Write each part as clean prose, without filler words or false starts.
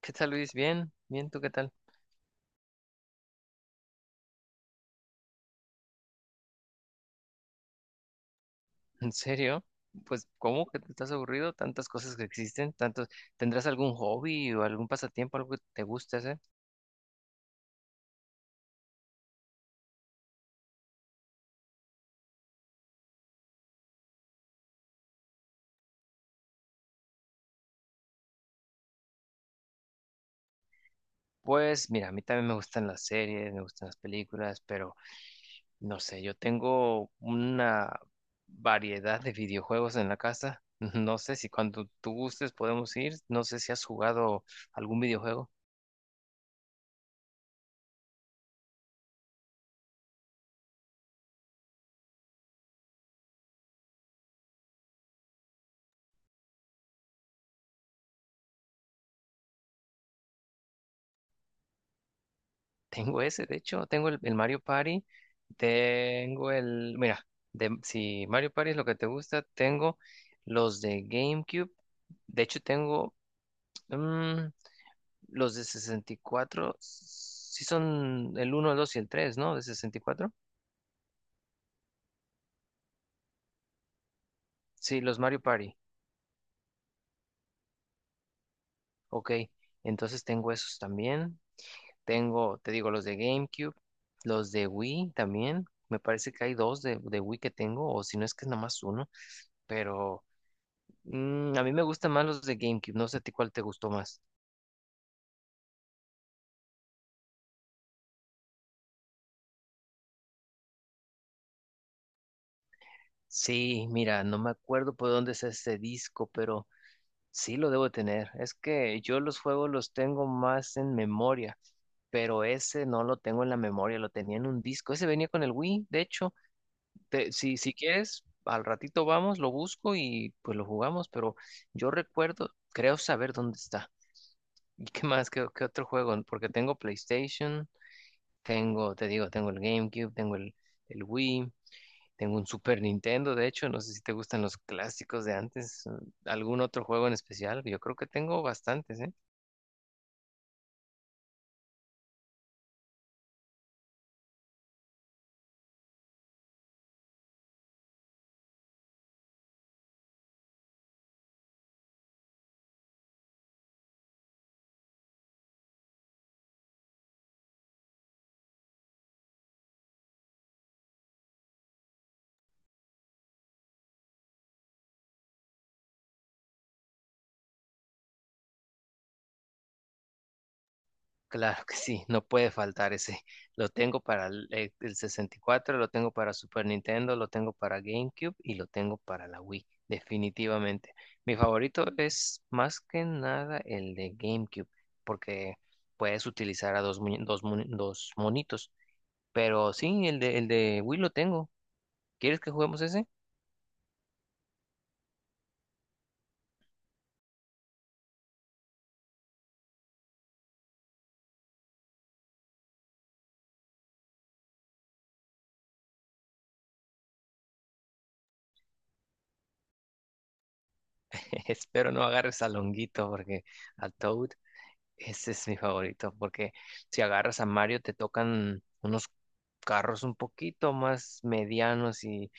¿Qué tal, Luis? Bien, bien, ¿tú qué tal? ¿En serio? Pues, ¿cómo que te estás aburrido? Tantas cosas que existen, tantos. ¿Tendrás algún hobby o algún pasatiempo, algo que te guste hacer? Pues, mira, a mí también me gustan las series, me gustan las películas, pero no sé, yo tengo una variedad de videojuegos en la casa. No sé si cuando tú gustes podemos ir, no sé si has jugado algún videojuego. Tengo ese, de hecho, tengo el Mario Party, tengo el, mira, si Mario Party es lo que te gusta, tengo los de GameCube, de hecho tengo mm, los de 64, sí son el uno, el 2 y el tres, ¿no? De 64. Sí, los Mario Party. Ok, entonces tengo esos también, tengo, te digo, los de GameCube, los de Wii también, me parece que hay dos de Wii que tengo, o si no es que es nomás uno, pero. A mí me gustan más los de GameCube. No sé a ti cuál te gustó más. Sí, mira, no me acuerdo por dónde es este disco, pero sí lo debo tener. Es que yo los juegos los tengo más en memoria, pero ese no lo tengo en la memoria, lo tenía en un disco. Ese venía con el Wii, de hecho. Si quieres, al ratito vamos, lo busco y pues lo jugamos, pero yo recuerdo, creo saber dónde está. ¿Y qué más? ¿Qué otro juego? Porque tengo PlayStation, tengo, te digo, tengo el GameCube, tengo el Wii. Tengo un Super Nintendo, de hecho, no sé si te gustan los clásicos de antes, algún otro juego en especial. Yo creo que tengo bastantes, ¿eh? Claro que sí, no puede faltar ese. Lo tengo para el 64, lo tengo para Super Nintendo, lo tengo para GameCube y lo tengo para la Wii, definitivamente. Mi favorito es más que nada el de GameCube, porque puedes utilizar a dos, muñe- dos, mu- dos monitos. Pero sí, el de Wii lo tengo. ¿Quieres que juguemos ese? Espero no agarres a Longuito, porque a Toad, ese es mi favorito, porque si agarras a Mario te tocan unos carros un poquito más medianos y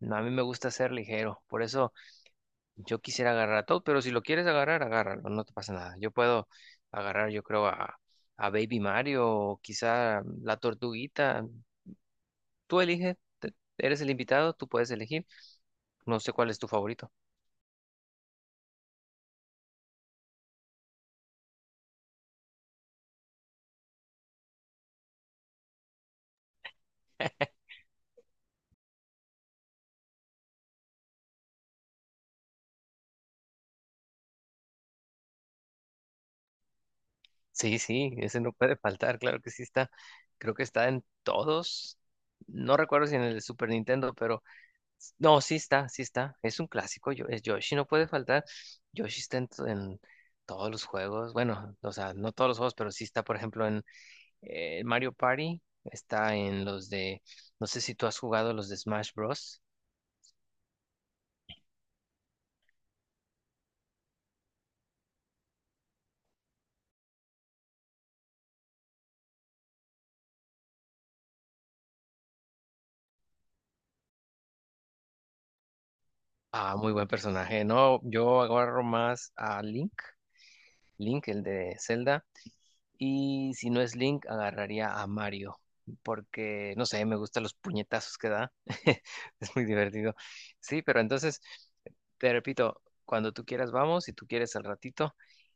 no, a mí me gusta ser ligero. Por eso yo quisiera agarrar a Toad, pero si lo quieres agarrar, agárralo, no te pasa nada. Yo puedo agarrar, yo creo, a Baby Mario o quizá la tortuguita. Tú eliges, eres el invitado, tú puedes elegir. No sé cuál es tu favorito. Sí, sí, ese no puede faltar, claro que sí está. Creo que está en todos. No recuerdo si en el Super Nintendo, pero no, sí está, sí está. Es un clásico, es Yoshi, no puede faltar. Yoshi está en, en todos los juegos. Bueno, o sea, no todos los juegos, pero sí está, por ejemplo, en Mario Party. Está en los de, no sé si tú has jugado los de Smash Bros. Ah, muy buen personaje. No, yo agarro más a Link, Link, el de Zelda. Y si no es Link, agarraría a Mario. Porque, no sé, me gustan los puñetazos que da. Es muy divertido. Sí, pero entonces, te repito, cuando tú quieras vamos, si tú quieres al ratito.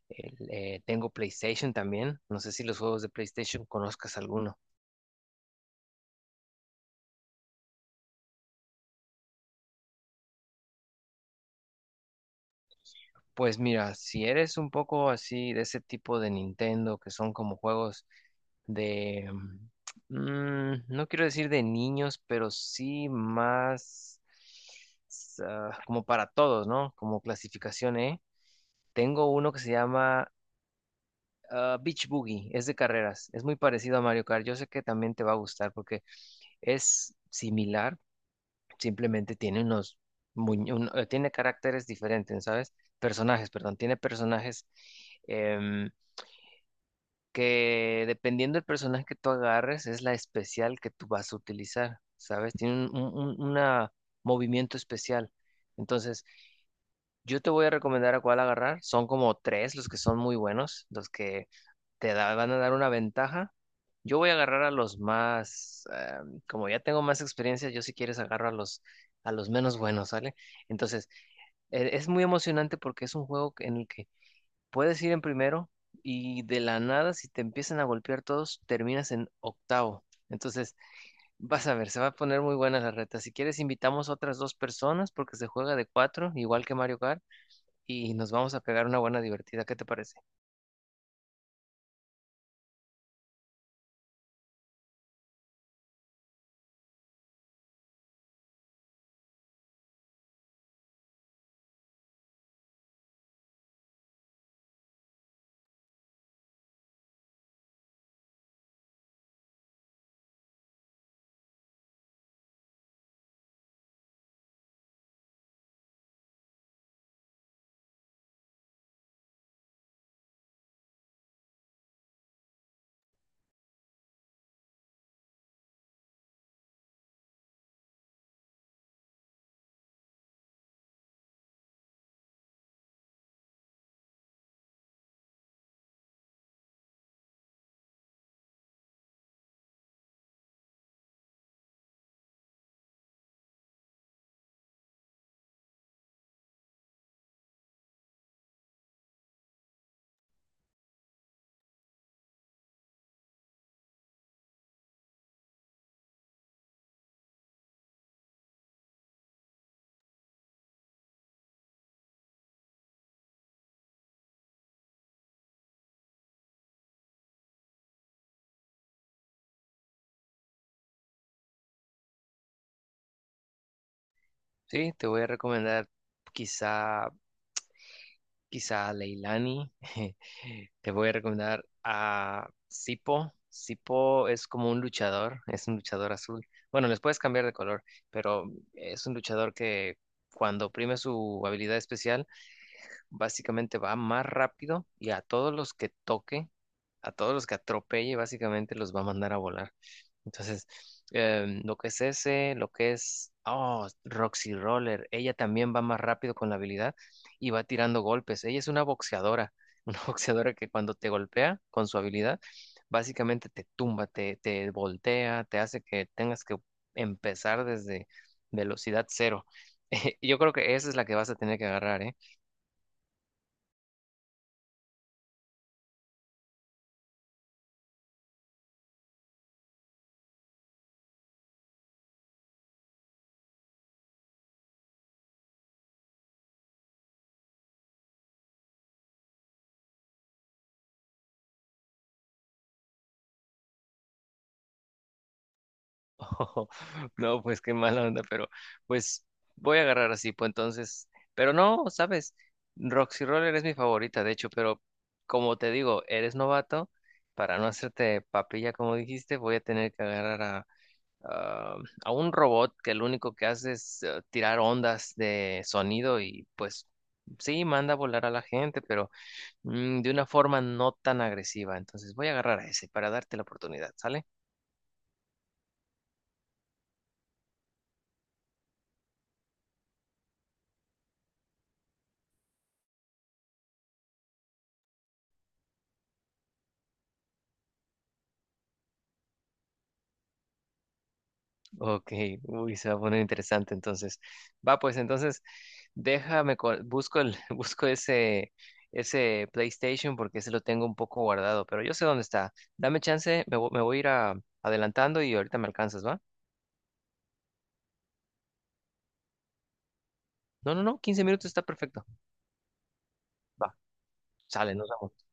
Tengo PlayStation también. No sé si los juegos de PlayStation conozcas alguno. Pues mira, si eres un poco así de ese tipo de Nintendo, que son como juegos de, no quiero decir de niños, pero sí más como para todos, ¿no? Como clasificación E. Tengo uno que se llama Beach Boogie, es de carreras, es muy parecido a Mario Kart. Yo sé que también te va a gustar porque es similar, simplemente tiene tiene caracteres diferentes, ¿sabes? Personajes, perdón, tiene personajes em, que dependiendo del personaje que tú agarres es la especial que tú vas a utilizar, ¿sabes? Tiene una movimiento especial. Entonces, yo te voy a recomendar a cuál agarrar. Son como tres los que son muy buenos, los que van a dar una ventaja. Yo voy a agarrar a los más, como ya tengo más experiencia, yo si quieres agarro a los menos buenos, ¿sale? Entonces, es muy emocionante porque es un juego en el que puedes ir en primero y de la nada, si te empiezan a golpear todos, terminas en octavo. Entonces, vas a ver, se va a poner muy buena la reta. Si quieres, invitamos a otras dos personas porque se juega de cuatro, igual que Mario Kart, y nos vamos a pegar una buena divertida. ¿Qué te parece? Sí, te voy a recomendar quizá quizá Leilani. Te voy a recomendar a Sipo. Sipo es como un luchador, es un luchador azul. Bueno, les puedes cambiar de color, pero es un luchador que cuando oprime su habilidad especial básicamente va más rápido y a todos los que toque, a todos los que atropelle, básicamente los va a mandar a volar. Entonces, lo que es ese, lo que es, oh, Roxy Roller, ella también va más rápido con la habilidad y va tirando golpes. Ella es una boxeadora, una boxeadora que cuando te golpea con su habilidad, básicamente te tumba, te voltea, te hace que tengas que empezar desde velocidad cero. Yo creo que esa es la que vas a tener que agarrar, ¿eh? Oh, no, pues qué mala onda, pero pues voy a agarrar así, pues entonces, pero no, sabes, Roxy Roller es mi favorita, de hecho, pero como te digo, eres novato, para no hacerte papilla, como dijiste, voy a tener que agarrar a, a un robot que lo único que hace es tirar ondas de sonido y pues sí, manda a volar a la gente, pero de una forma no tan agresiva, entonces voy a agarrar a ese para darte la oportunidad, ¿sale? Ok, uy, se va a poner interesante entonces. Va, pues entonces déjame, busco el, busco ese, PlayStation porque ese lo tengo un poco guardado, pero yo sé dónde está. Dame chance, me voy a ir adelantando y ahorita me alcanzas, ¿va? No, no, no, 15 minutos está perfecto. Va, sale, nos vemos.